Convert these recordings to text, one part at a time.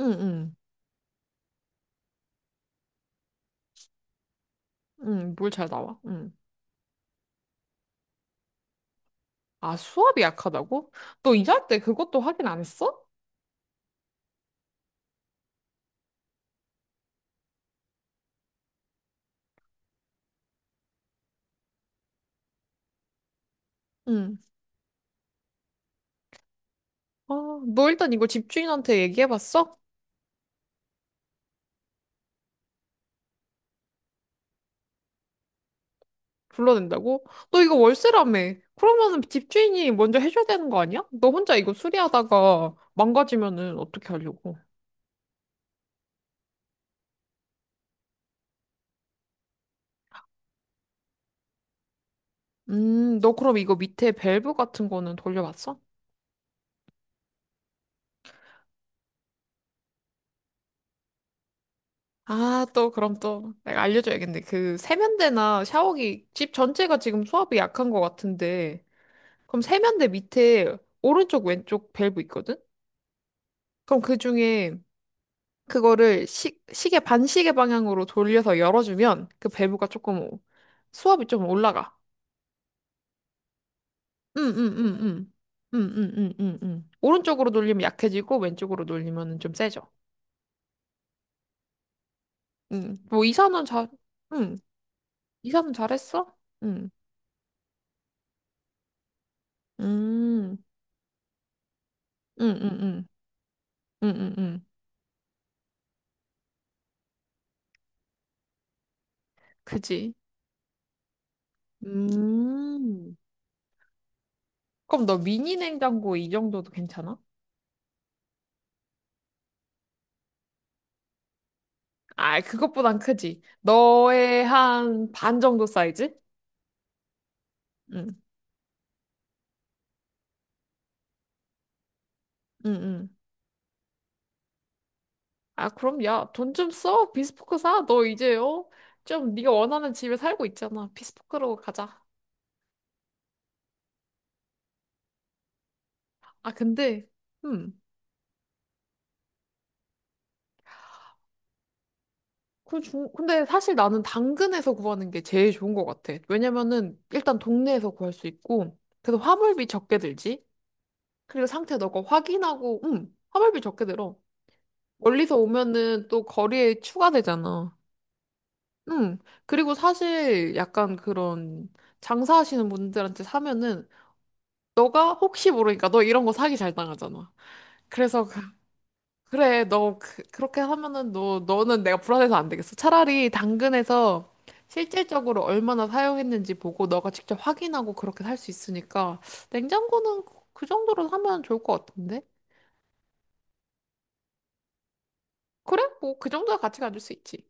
응, 응, 응, 물 잘 나와. 응. 아, 수압이 약하다고? 너 이사할 때 그것도 확인 안 했어? 응. 아, 너 일단 이거 집주인한테 얘기해봤어? 불러낸다고? 너 이거 월세라며. 그러면은 집주인이 먼저 해줘야 되는 거 아니야? 너 혼자 이거 수리하다가 망가지면은 어떻게 하려고? 너 그럼 이거 밑에 밸브 같은 거는 돌려봤어? 아, 또 그럼 또 내가 알려줘야겠네. 그 세면대나 샤워기 집 전체가 지금 수압이 약한 것 같은데 그럼 세면대 밑에 오른쪽 왼쪽 밸브 있거든? 그럼 그 중에 그거를 시계 반시계 방향으로 돌려서 열어주면 그 밸브가 조금 수압이 좀 올라가. 응응응응. 응응응응응. 오른쪽으로 돌리면 약해지고 왼쪽으로 돌리면 좀 세져. 응. 뭐 이사는 잘. 응. 이사는 잘했어? 응. 음. 응응응. 응응응. 그지. 음. 그럼 너 미니 냉장고 이 정도도 괜찮아? 아, 그것보단 크지. 너의 한 반 정도 사이즈? 응, 응, 응. 아, 그럼 야, 돈 좀 써. 비스포크 사. 너 이제, 어? 좀 네가 원하는 집에 살고 있잖아. 비스포크로 가자. 아, 근데, 음. 근데 사실 나는 당근에서 구하는 게 제일 좋은 것 같아. 왜냐면은 일단 동네에서 구할 수 있고, 그래서 화물비 적게 들지. 그리고 상태 너가 확인하고, 화물비 적게 들어. 멀리서 오면은 또 거리에 추가되잖아. 응. 그리고 사실 약간 그런 장사하시는 분들한테 사면은 너가 혹시 모르니까 너 이런 거 사기 잘 당하잖아. 그래서 그래 너 그렇게 하면은 너 너는 내가 불안해서 안 되겠어. 차라리 당근에서 실질적으로 얼마나 사용했는지 보고 너가 직접 확인하고 그렇게 살 수 있으니까 냉장고는 그그 정도로 사면 좋을 것 같은데. 그래? 뭐 그 정도야 같이 가질 수 있지.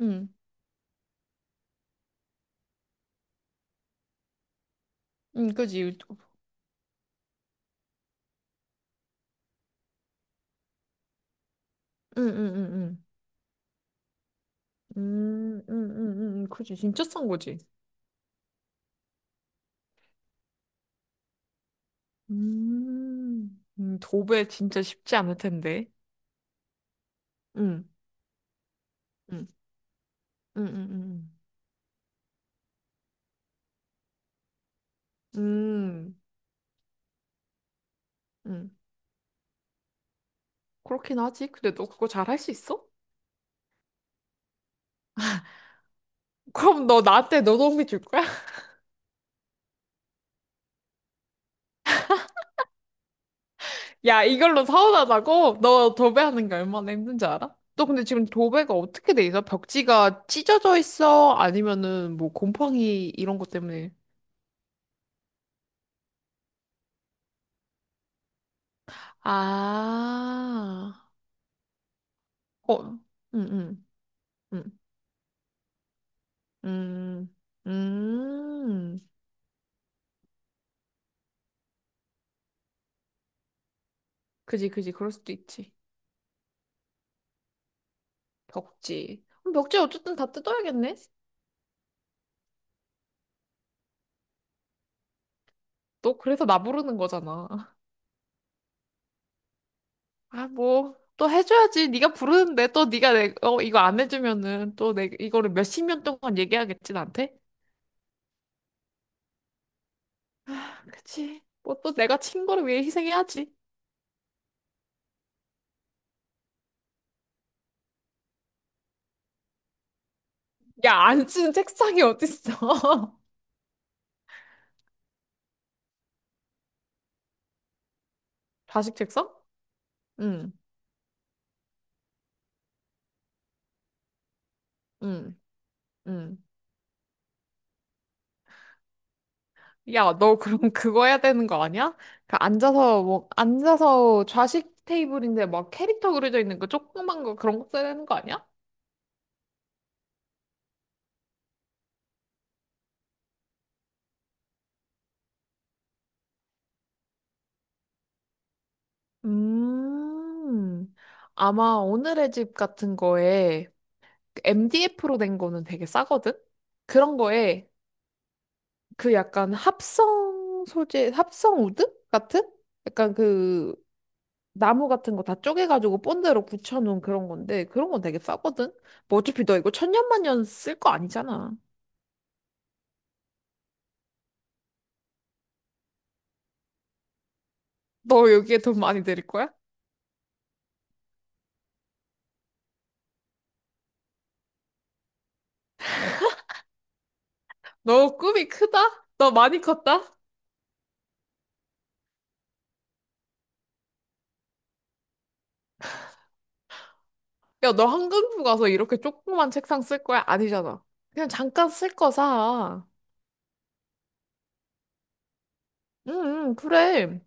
응. 응, 그지. 응, 응, 응, 응. 그지. 진짜 싼 거지. 도배 진짜 쉽지 않을 텐데. 응, 응, 응, 응, 응, 응, 응. 응. 그렇긴 하지. 근데 너 그거 잘 할 수 있어? 그럼 너 나한테 노동비 줄 거야? 야, 이걸로 서운하다고? 너 도배하는 게 얼마나 힘든지 알아? 너 근데 지금 도배가 어떻게 돼 있어? 벽지가 찢어져 있어? 아니면은 뭐 곰팡이 이런 것 때문에? 아, 어, 응, 응, 응, 응, 응. 그지, 그지. 그럴 수도 있지. 벽지. 그럼 벽지 어쨌든 다 뜯어야겠네? 너 그래서 나 부르는 거잖아. 아, 뭐, 또 해줘야지. 네가 부르는데 또 네가 내, 어, 이거 안 해주면은 또 내, 이거를 몇 십 년 동안 얘기하겠지, 나한테? 아, 그치. 뭐 또 내가 친 거를 위해 희생해야지. 야, 안 쓰는 책상이 어딨어? 좌식 책상? 응, 응, 응. 야, 너 그럼 그거 해야 되는 거 아니야? 그 앉아서 뭐 앉아서 좌식 테이블인데 막 캐릭터 그려져 있는 거 조그만 거 그런 거 써야 되는 거 아니야? 음, 아마 오늘의 집 같은 거에 MDF로 된 거는 되게 싸거든? 그런 거에 그 약간 합성 소재, 합성 우드 같은? 약간 그 나무 같은 거 다 쪼개가지고 본드로 붙여놓은 그런 건데 그런 건 되게 싸거든? 뭐 어차피 너 이거 천년만년 쓸 거 아니잖아. 너 여기에 돈 많이 들일 거야? 너 꿈이 크다? 너 많이 컸다? 야, 너 한강뷰 가서 이렇게 조그만 책상 쓸 거야? 아니잖아. 그냥 잠깐 쓸 거 사. 응, 응, 그래. 응,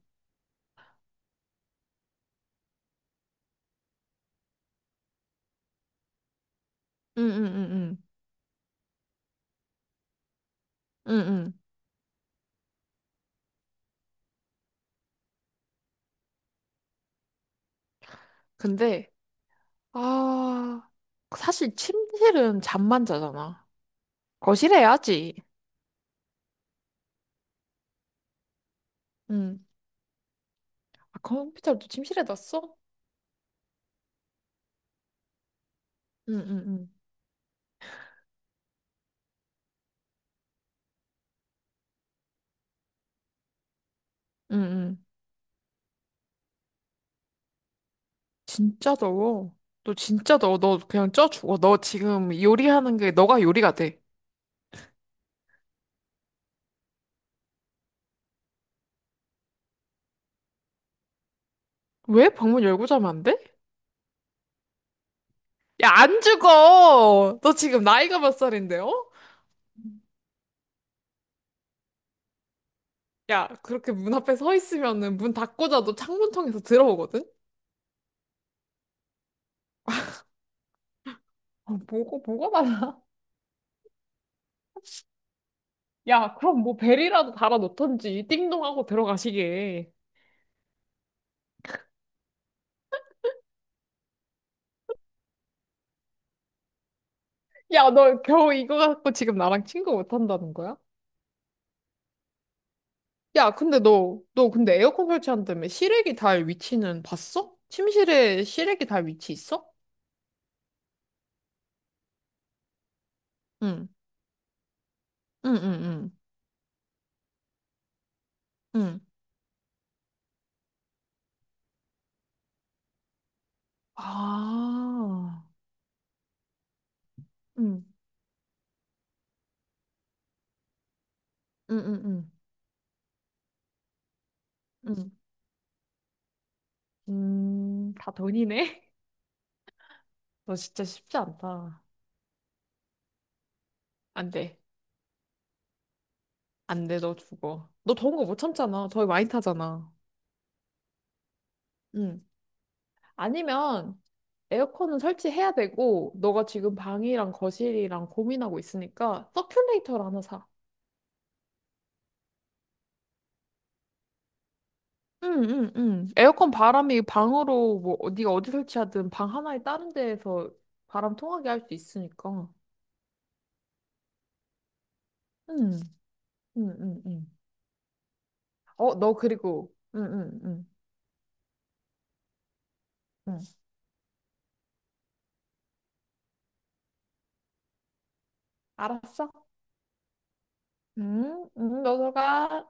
응, 응, 응. 응, 응. 근데, 아, 사실 침실은 잠만 자잖아. 거실에 해야지. 응. 아, 컴퓨터를 또 침실에 놨어? 응, 응, 응. 응, 응. 진짜 더워. 너 진짜 더워. 너 그냥 쪄 죽어. 너 지금 요리하는 게 너가 요리가 돼. 왜 방문 열고 자면 안 돼? 야, 안 죽어! 너 지금 나이가 몇 살인데, 어? 야, 그렇게 문 앞에 서 있으면은 문 닫고 자도 창문 통해서 들어오거든? 아, 뭐 뭐가 달라? 야, 그럼 뭐 벨이라도 달아놓던지 띵동하고 들어가시게. 야, 너 겨우 이거 갖고 지금 나랑 친구 못 한다는 거야? 야, 근데 너 근데 에어컨 설치한다며 시래기 달 위치는 봤어? 침실에 시래기 달 위치 있어? 응, 응, 응, 응, 응. 아, 응, 응, 응, 응, 응. 다 돈이네? 너 진짜 쉽지 않다. 안 돼. 안 돼, 너 죽어. 너 더운 거 못 참잖아. 더위 많이 타잖아. 응. 아니면 에어컨은 설치해야 되고, 너가 지금 방이랑 거실이랑 고민하고 있으니까 서큘레이터를 하나 사. 응, 응, 응. 에어컨 바람이 방으로 뭐 네가 어디 설치하든 방 하나에 다른 데에서 바람 통하게 할 수 있으니까. 응, 응, 응, 응. 어, 너 그리고 응, 응, 응, 응. 알았어? 응, 응, 너 들어가.